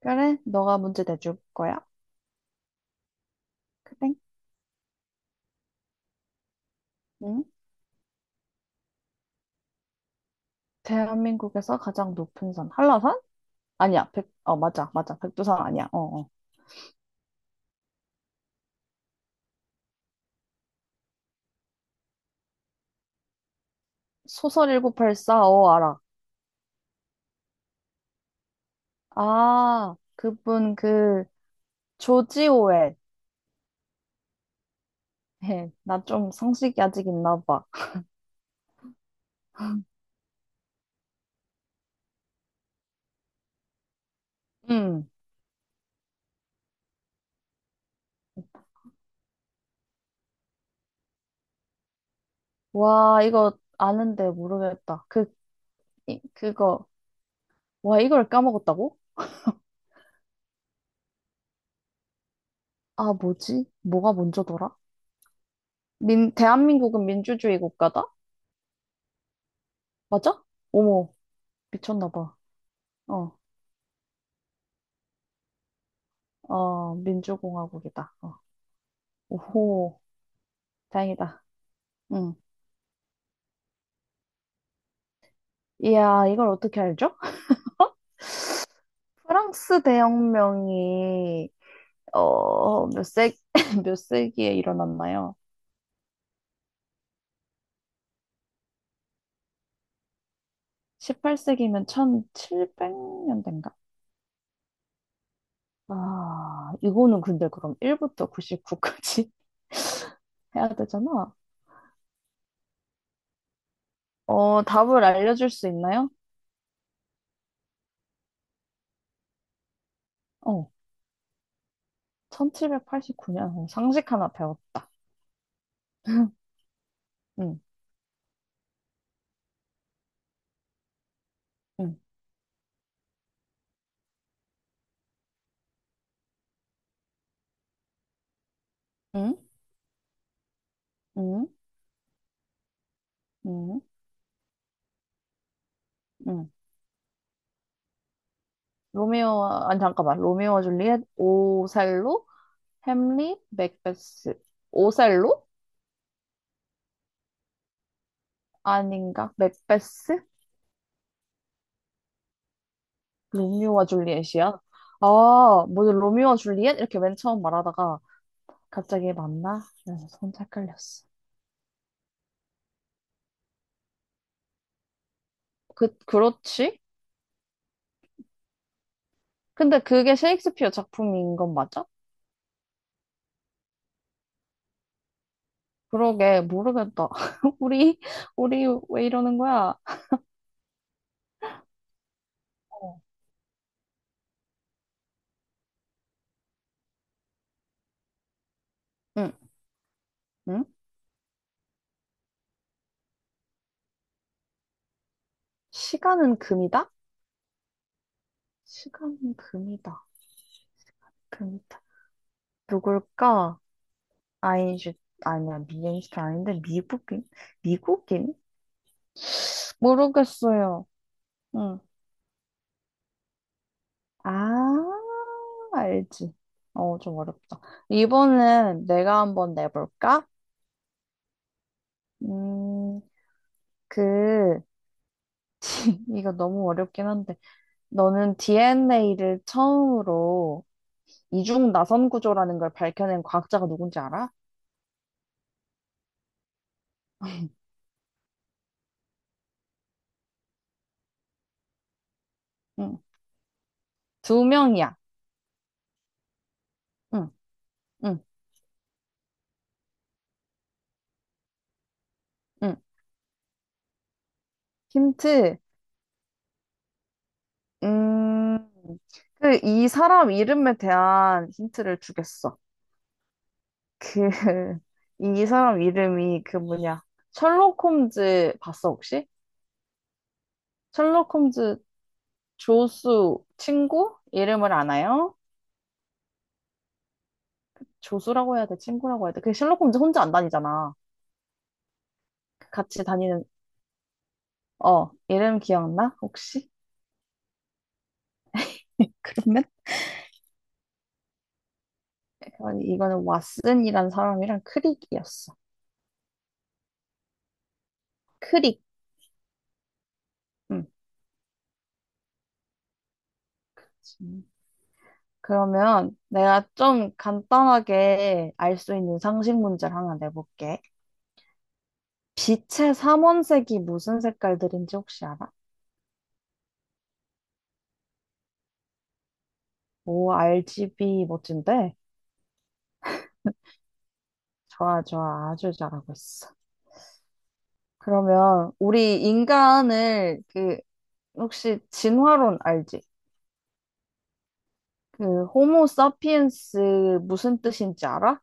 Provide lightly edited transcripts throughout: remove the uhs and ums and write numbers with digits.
그래, 너가 문제 내줄 거야. 그래? 응? 대한민국에서 가장 높은 산, 한라산? 아니야, 맞아, 맞아. 백두산 아니야. 어, 어. 소설 일곱팔사 알아. 아, 그분, 조지 오웰. 나 좀 상식이 아직 있나 봐. 음. 와, 이거 아는데 모르겠다. 이- 그거, 와, 이걸 까먹었다고? 아, 뭐지? 뭐가 먼저더라? 대한민국은 민주주의 국가다? 맞아? 어머, 미쳤나 봐. 어. 어, 민주공화국이다. 어. 오호, 다행이다. 응. 이야, 이걸 어떻게 알죠? 프랑스 대혁명이 어, 몇 세, 몇 세기에 일어났나요? 18세기면 1700년대인가? 아, 이거는 근데 그럼 1부터 99까지 해야 되잖아. 어, 답을 알려줄 수 있나요? 어, 1789년. 상식 하나 배웠다. 응, 응, 응, 응, 응, 응. 로미오, 아니, 잠깐만. 로미오와 줄리엣, 오셀로? 햄릿, 맥베스. 오셀로? 아닌가? 맥베스? 로미오와 줄리엣이야? 아, 뭐지, 로미오와 줄리엣? 이렇게 맨 처음 말하다가 갑자기 맞나? 이러면서 혼자 헷갈렸어. 그렇지? 근데 그게 셰익스피어 작품인 건 맞아? 그러게, 모르겠다. 우리, 우리 왜 이러는 거야? 어. 응, 응? 시간은 금이다? 시간은 금이다. 금이다. 누굴까? 아인슈 아니야, 미인슈타인 아닌데. 미국인. 미국인, 모르겠어요. 응. 아, 알지. 어, 좀 어렵다. 이번엔 내가 한번 내볼까? 음 그 이거 너무 어렵긴 한데, 너는 DNA를 처음으로 이중 나선 구조라는 걸 밝혀낸 과학자가 누군지 알아? 응. 두 명이야. 응, 응, 응. 힌트. 음, 이 사람 이름에 대한 힌트를 주겠어. 그, 이 사람 이름이 그 뭐냐. 셜록 홈즈 봤어, 혹시? 셜록 홈즈 조수 친구? 이름을 아나요? 조수라고 해야 돼, 친구라고 해야 돼. 그 셜록 홈즈 혼자 안 다니잖아. 같이 다니는, 이름 기억나? 혹시? 그러면? 아니, 이거는 왓슨이란 사람이랑 크릭이었어. 크릭. 응. 그러면 내가 좀 간단하게 알 수 있는 상식 문제를 하나 내볼게. 빛의 삼원색이 무슨 색깔들인지 혹시 알아? 오, RGB 멋진데? 좋아, 좋아. 아주 잘하고 있어. 그러면 우리 인간을 혹시 진화론 알지? 그 호모 사피엔스 무슨 뜻인지 알아?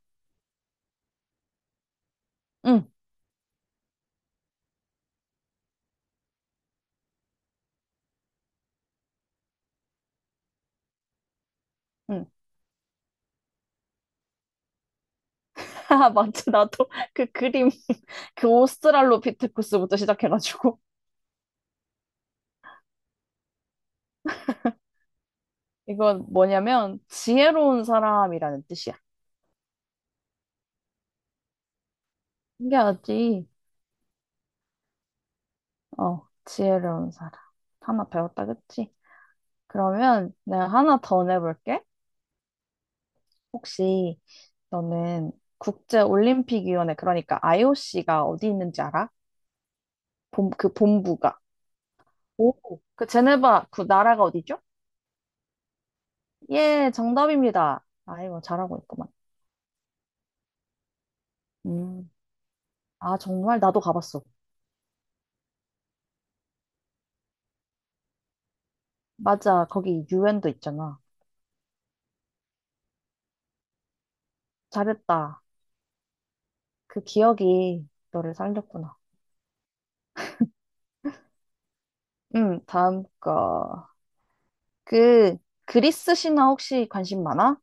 응, 응. 아, 맞지. 나도 그 그림 그 오스트랄로피테쿠스부터 시작해가지고, 이건 뭐냐면 지혜로운 사람이라는 뜻이야. 신기하지? 어, 지혜로운 사람. 하나 배웠다, 그치? 그러면 내가 하나 더 내볼게. 혹시 너는 국제올림픽위원회, 그러니까 IOC가 어디 있는지 알아? 그 본부가. 오. 그 제네바, 그 나라가 어디죠? 예, 정답입니다. 아이고, 잘하고 있구만. 음. 아, 정말? 나도 가봤어. 맞아, 거기 유엔도 있잖아. 잘했다. 그 기억이 너를 살렸구나. 응, 다음 거. 그, 그리스 신화 혹시 관심 많아?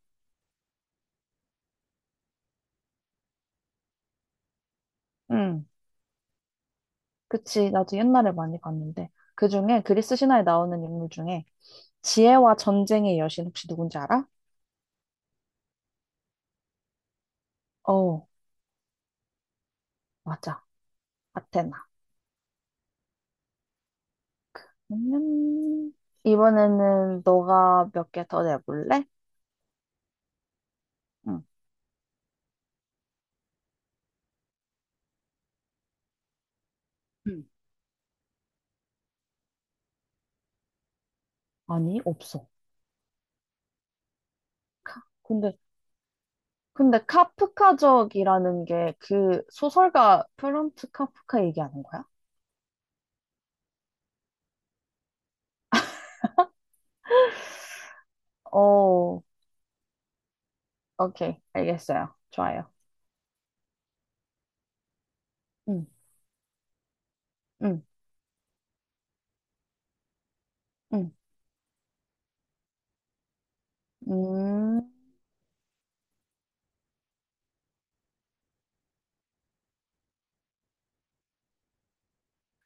응, 그치. 나도 옛날에 많이 봤는데. 그 중에, 그리스 신화에 나오는 인물 중에, 지혜와 전쟁의 여신 혹시 누군지 알아? 어, 맞아. 아테나. 음, 이번에는 너가 몇 개 더 내볼래? 응. 응. 아니, 없어. 카- 근데, 근데 카프카적이라는 게 그 소설가 프란츠 카프카 얘기하는 거야? 어, 오케이. 알겠어요. 좋아요. 응, 응, 응. 음,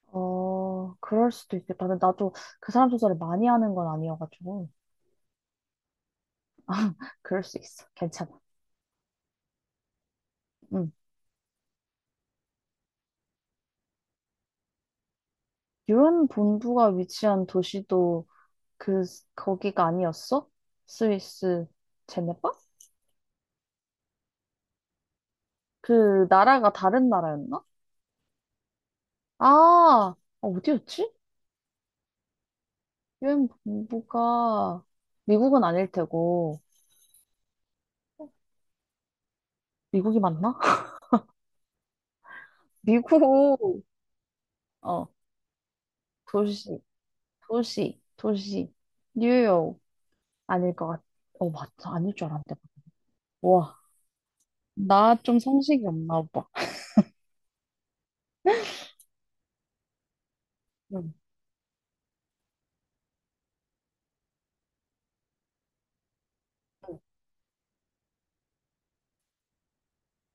그럴 수도 있겠다. 근데 나도 그 사람 조사를 많이 하는 건 아니어가지고. 그럴 수 있어. 괜찮아. 응. 유엔 본부가 위치한 도시도 그, 거기가 아니었어? 스위스 제네바? 그 나라가 다른 나라였나? 아, 어디였지? 유엔 본부가 미국은 아닐 테고. 미국이 맞나? 미국, 어, 도시, 도시, 도시. 뉴욕. 아닐 것 같아. 어, 맞다. 아닐 줄 알았는데. 와. 나 좀 상식이 없나 봐. 응. 응.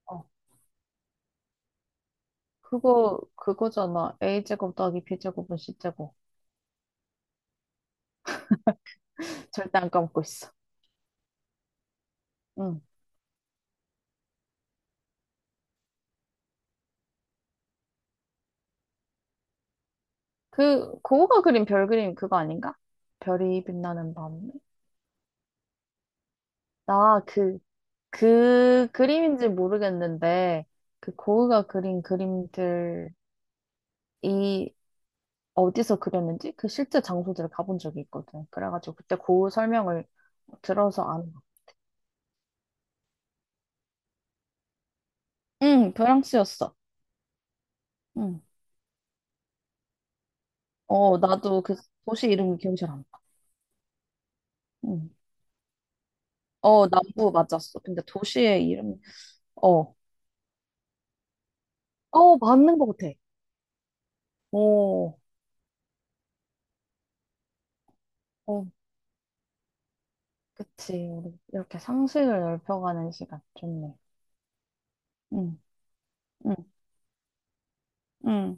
어, 그거잖아. A제곱 더하기 B제곱은 C제곱. 절대 안 까먹고 있어. 응. 고우가 그린 별 그림 그거 아닌가? 별이 빛나는 밤. 나 그 그림인지 모르겠는데, 그 고흐가 그린 그림들이 어디서 그렸는지 그 실제 장소들을 가본 적이 있거든. 그래가지고 그때 고흐 설명을 들어서, 응, 프랑스였어. 응. 어, 나도 그 도시 이름이 기억이 잘 안 나. 응. 어, 남부 맞았어. 근데 도시의 이름, 어, 어, 맞는 것 같아. 오, 어, 그치. 우리 이렇게 상식을 넓혀가는 시간 좋네. 응, 응, 응.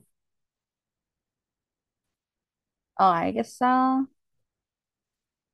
어, 알겠어.